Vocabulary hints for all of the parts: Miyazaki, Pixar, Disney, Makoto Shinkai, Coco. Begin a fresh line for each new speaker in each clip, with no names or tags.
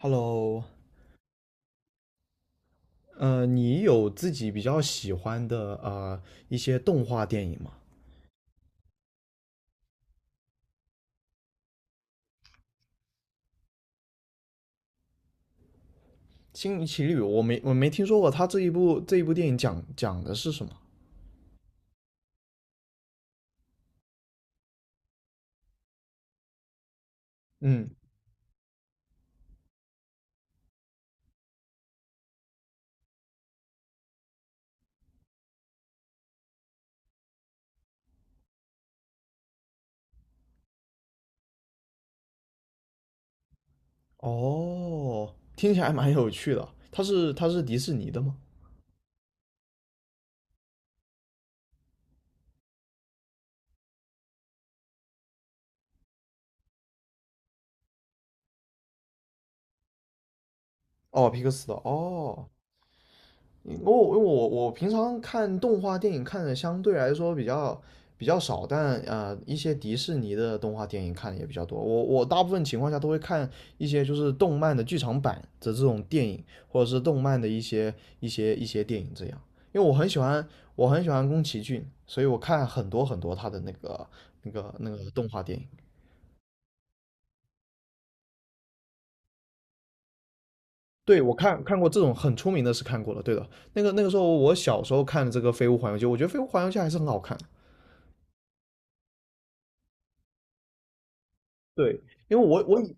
Hello。你有自己比较喜欢的一些动画电影吗？《星奇旅》我没听说过。它这一部电影讲的是什么？嗯。哦，听起来蛮有趣的。它是迪士尼的吗？哦，皮克斯的。哦，我平常看动画电影看的相对来说比较少，但一些迪士尼的动画电影看的也比较多。我大部分情况下都会看一些就是动漫的剧场版的这种电影，或者是动漫的一些一些电影这样。因为我很喜欢我很喜欢宫崎骏，所以我看很多很多他的那个动画电影。对，我看过这种很出名的是看过了，对的。那个时候我小时候看的这个《飞屋环游记》，我觉得《飞屋环游记》还是很好看。对，因为我我以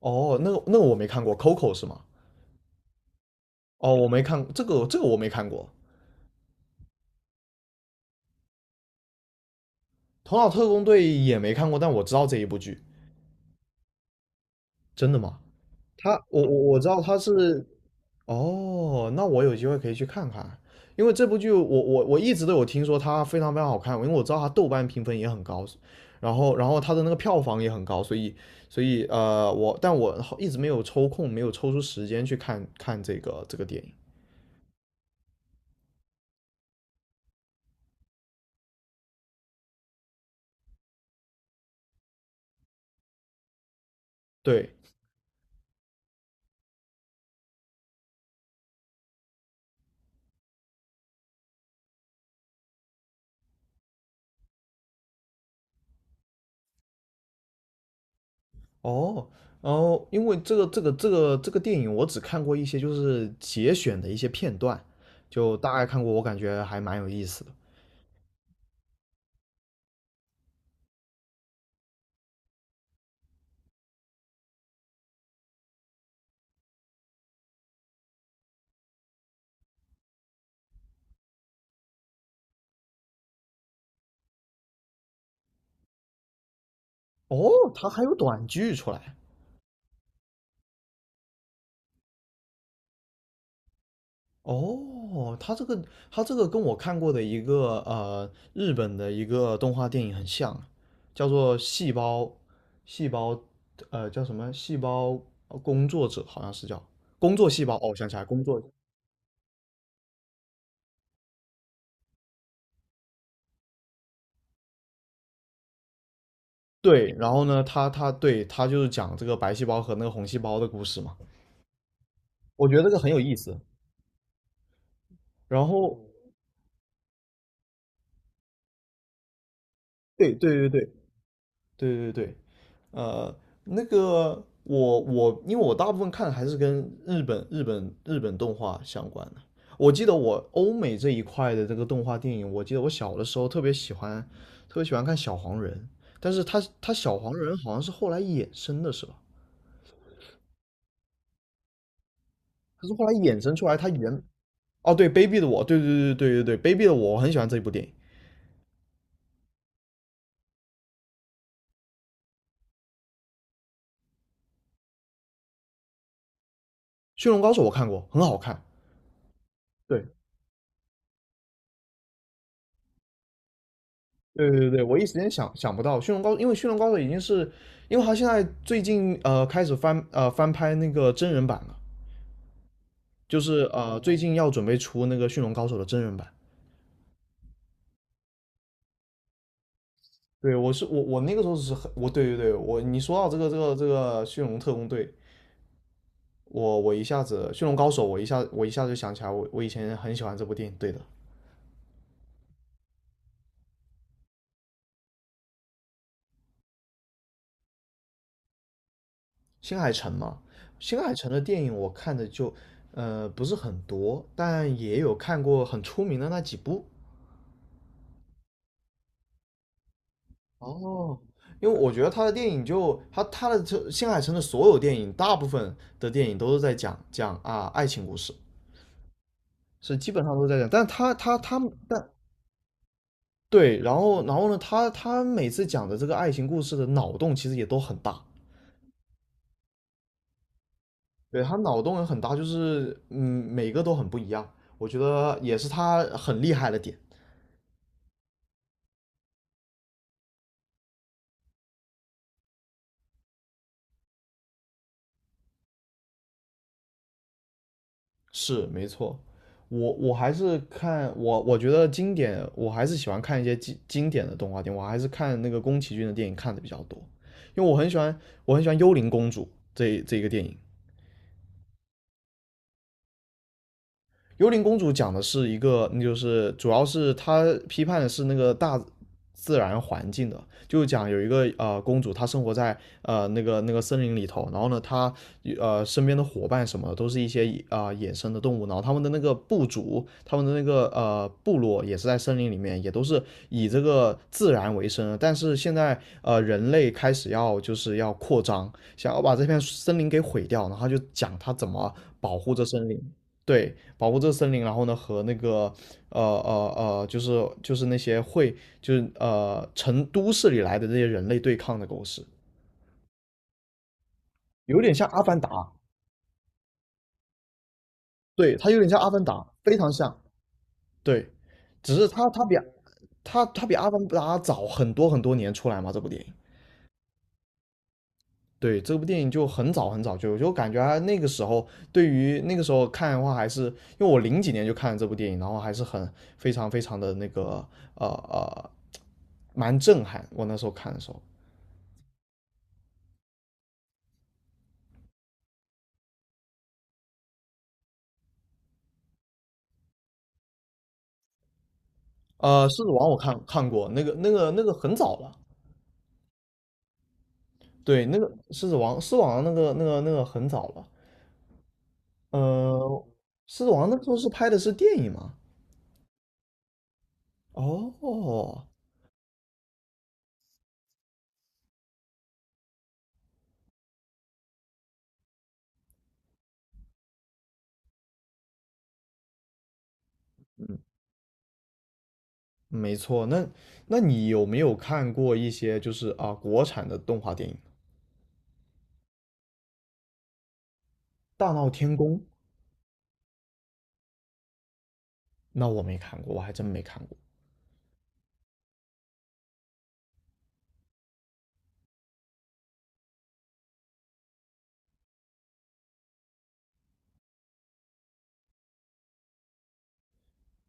哦，那个我没看过，Coco 是吗？哦，我没看这个我没看过。《头脑特工队》也没看过，但我知道这一部剧。真的吗？他我我我知道他是哦，那我有机会可以去看看。因为这部剧我我一直都有听说它非常非常好看，因为我知道它豆瓣评分也很高，然后它的那个票房也很高，所以我一直没有抽空，没有抽出时间去看看这个电影。对。哦。哦，因为这个电影我只看过一些就是节选的一些片段，就大概看过，我感觉还蛮有意思的。哦，它还有短剧出来。哦，它这个跟我看过的一个日本的一个动画电影很像，叫做细胞》，叫什么工作者》好像是叫工作细胞。哦，我想起来，工作。对，然后呢，他就是讲这个白细胞和那个红细胞的故事嘛，我觉得这个很有意思。然后，对对对对对对对。呃，那个我因为我大部分看还是跟日本动画相关的。我记得我欧美这一块的这个动画电影，我记得我小的时候特别喜欢，特别喜欢看小黄人，但是他小黄人好像是后来衍生的是吧？他是后来衍生出来，他原哦，对，卑鄙的我，对对对对对对，卑鄙的我，我很喜欢这一部电影。驯龙高手我看过，很好看。对对对对对，我一时间想不到驯龙高手。因为驯龙高手已经是，因为他现在最近开始翻拍那个真人版了，就是最近要准备出那个驯龙高手的真人版。对，我是我我那个时候是很我对对对我你说到这个这个这个驯龙特工队，我我一下子驯龙高手，我一下就想起来我以前很喜欢这部电影。对的。新海诚嘛，新海诚的电影我看的就，不是很多，但也有看过很出名的那几部。哦，因为我觉得他的电影就他他的这新海诚的所有电影，大部分的电影都是在讲啊爱情故事，是基本上都在讲。但他但对，然后然后呢，他他每次讲的这个爱情故事的脑洞其实也都很大。对，他脑洞也很大，就是嗯每个都很不一样，我觉得也是他很厉害的点。是没错，我我还是看我我觉得经典，我还是喜欢看一些经典的动画电影，我还是看那个宫崎骏的电影看的比较多。因为我很喜欢我很喜欢《幽灵公主》这一个电影。幽灵公主讲的是一个，那就是主要是她批判的是那个大自然环境的，就讲有一个公主，她生活在那个森林里头，然后呢，她身边的伙伴什么的都是一些野生的动物，然后他们的那个部族，他们的那个部落也是在森林里面，也都是以这个自然为生。但是现在人类开始要就是要扩张，想要把这片森林给毁掉，然后就讲她怎么保护这森林。对，保护这个森林，然后呢和那个就是就是那些会就是呃都市里来的这些人类对抗的故事。有点像《阿凡达》，对，它有点像《阿凡达》，非常像。对，只是它它比《阿凡达》早很多很多年出来嘛，这部电影。对，这部电影就很早很早就有，就感觉啊那个时候对于那个时候看的话，还是因为我零几年就看了这部电影，然后还是很非常非常的呃呃，蛮震撼。我那时候看的时候，狮子王》我看过，那个很早了。对，《狮子王》那个很早了。呃，《狮子王》那时候是拍的是电影吗？哦，没错。那你有没有看过一些就是啊、国产的动画电影？大闹天宫》，那我没看过，我还真没看过。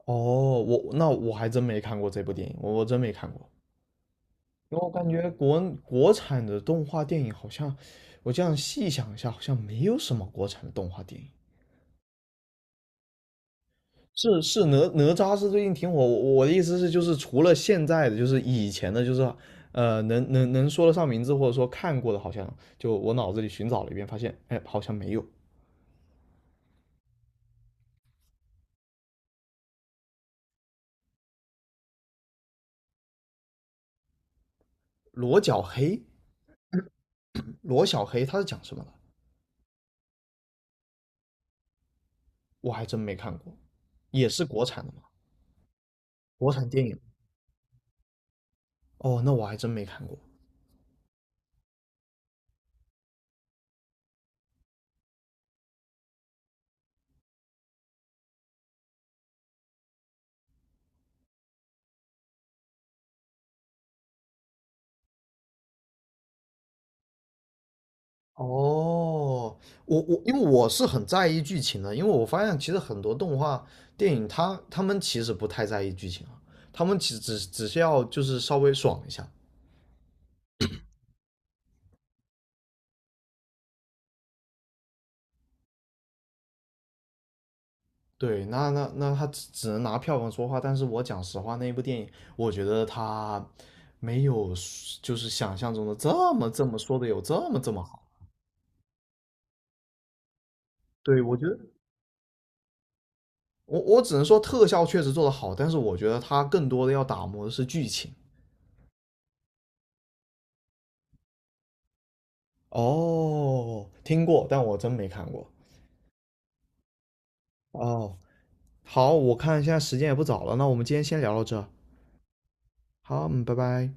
哦，我那我还真没看过这部电影，我真没看过。因为我感觉国产的动画电影好像，我这样细想一下，好像没有什么国产的动画电影。是哪吒是最近挺火，我的意思是就是除了现在的，就是以前的，就是能说得上名字或者说看过的，好像就我脑子里寻找了一遍，发现哎好像没有。罗小黑，罗小黑他是讲什么的？我还真没看过，也是国产的吗？国产电影。哦，那我还真没看过。哦，因为我是很在意剧情的，因为我发现其实很多动画电影他们其实不太在意剧情啊，他们只是要就是稍微爽一下。对，那他只能拿票房说话，但是我讲实话，那一部电影，我觉得他没有就是想象中的这么说的有这么好。对，我觉得我只能说特效确实做得好，但是我觉得它更多的要打磨的是剧情。哦，听过，但我真没看过。哦，好，我看现在时间也不早了，那我们今天先聊到这儿。好，嗯，拜拜。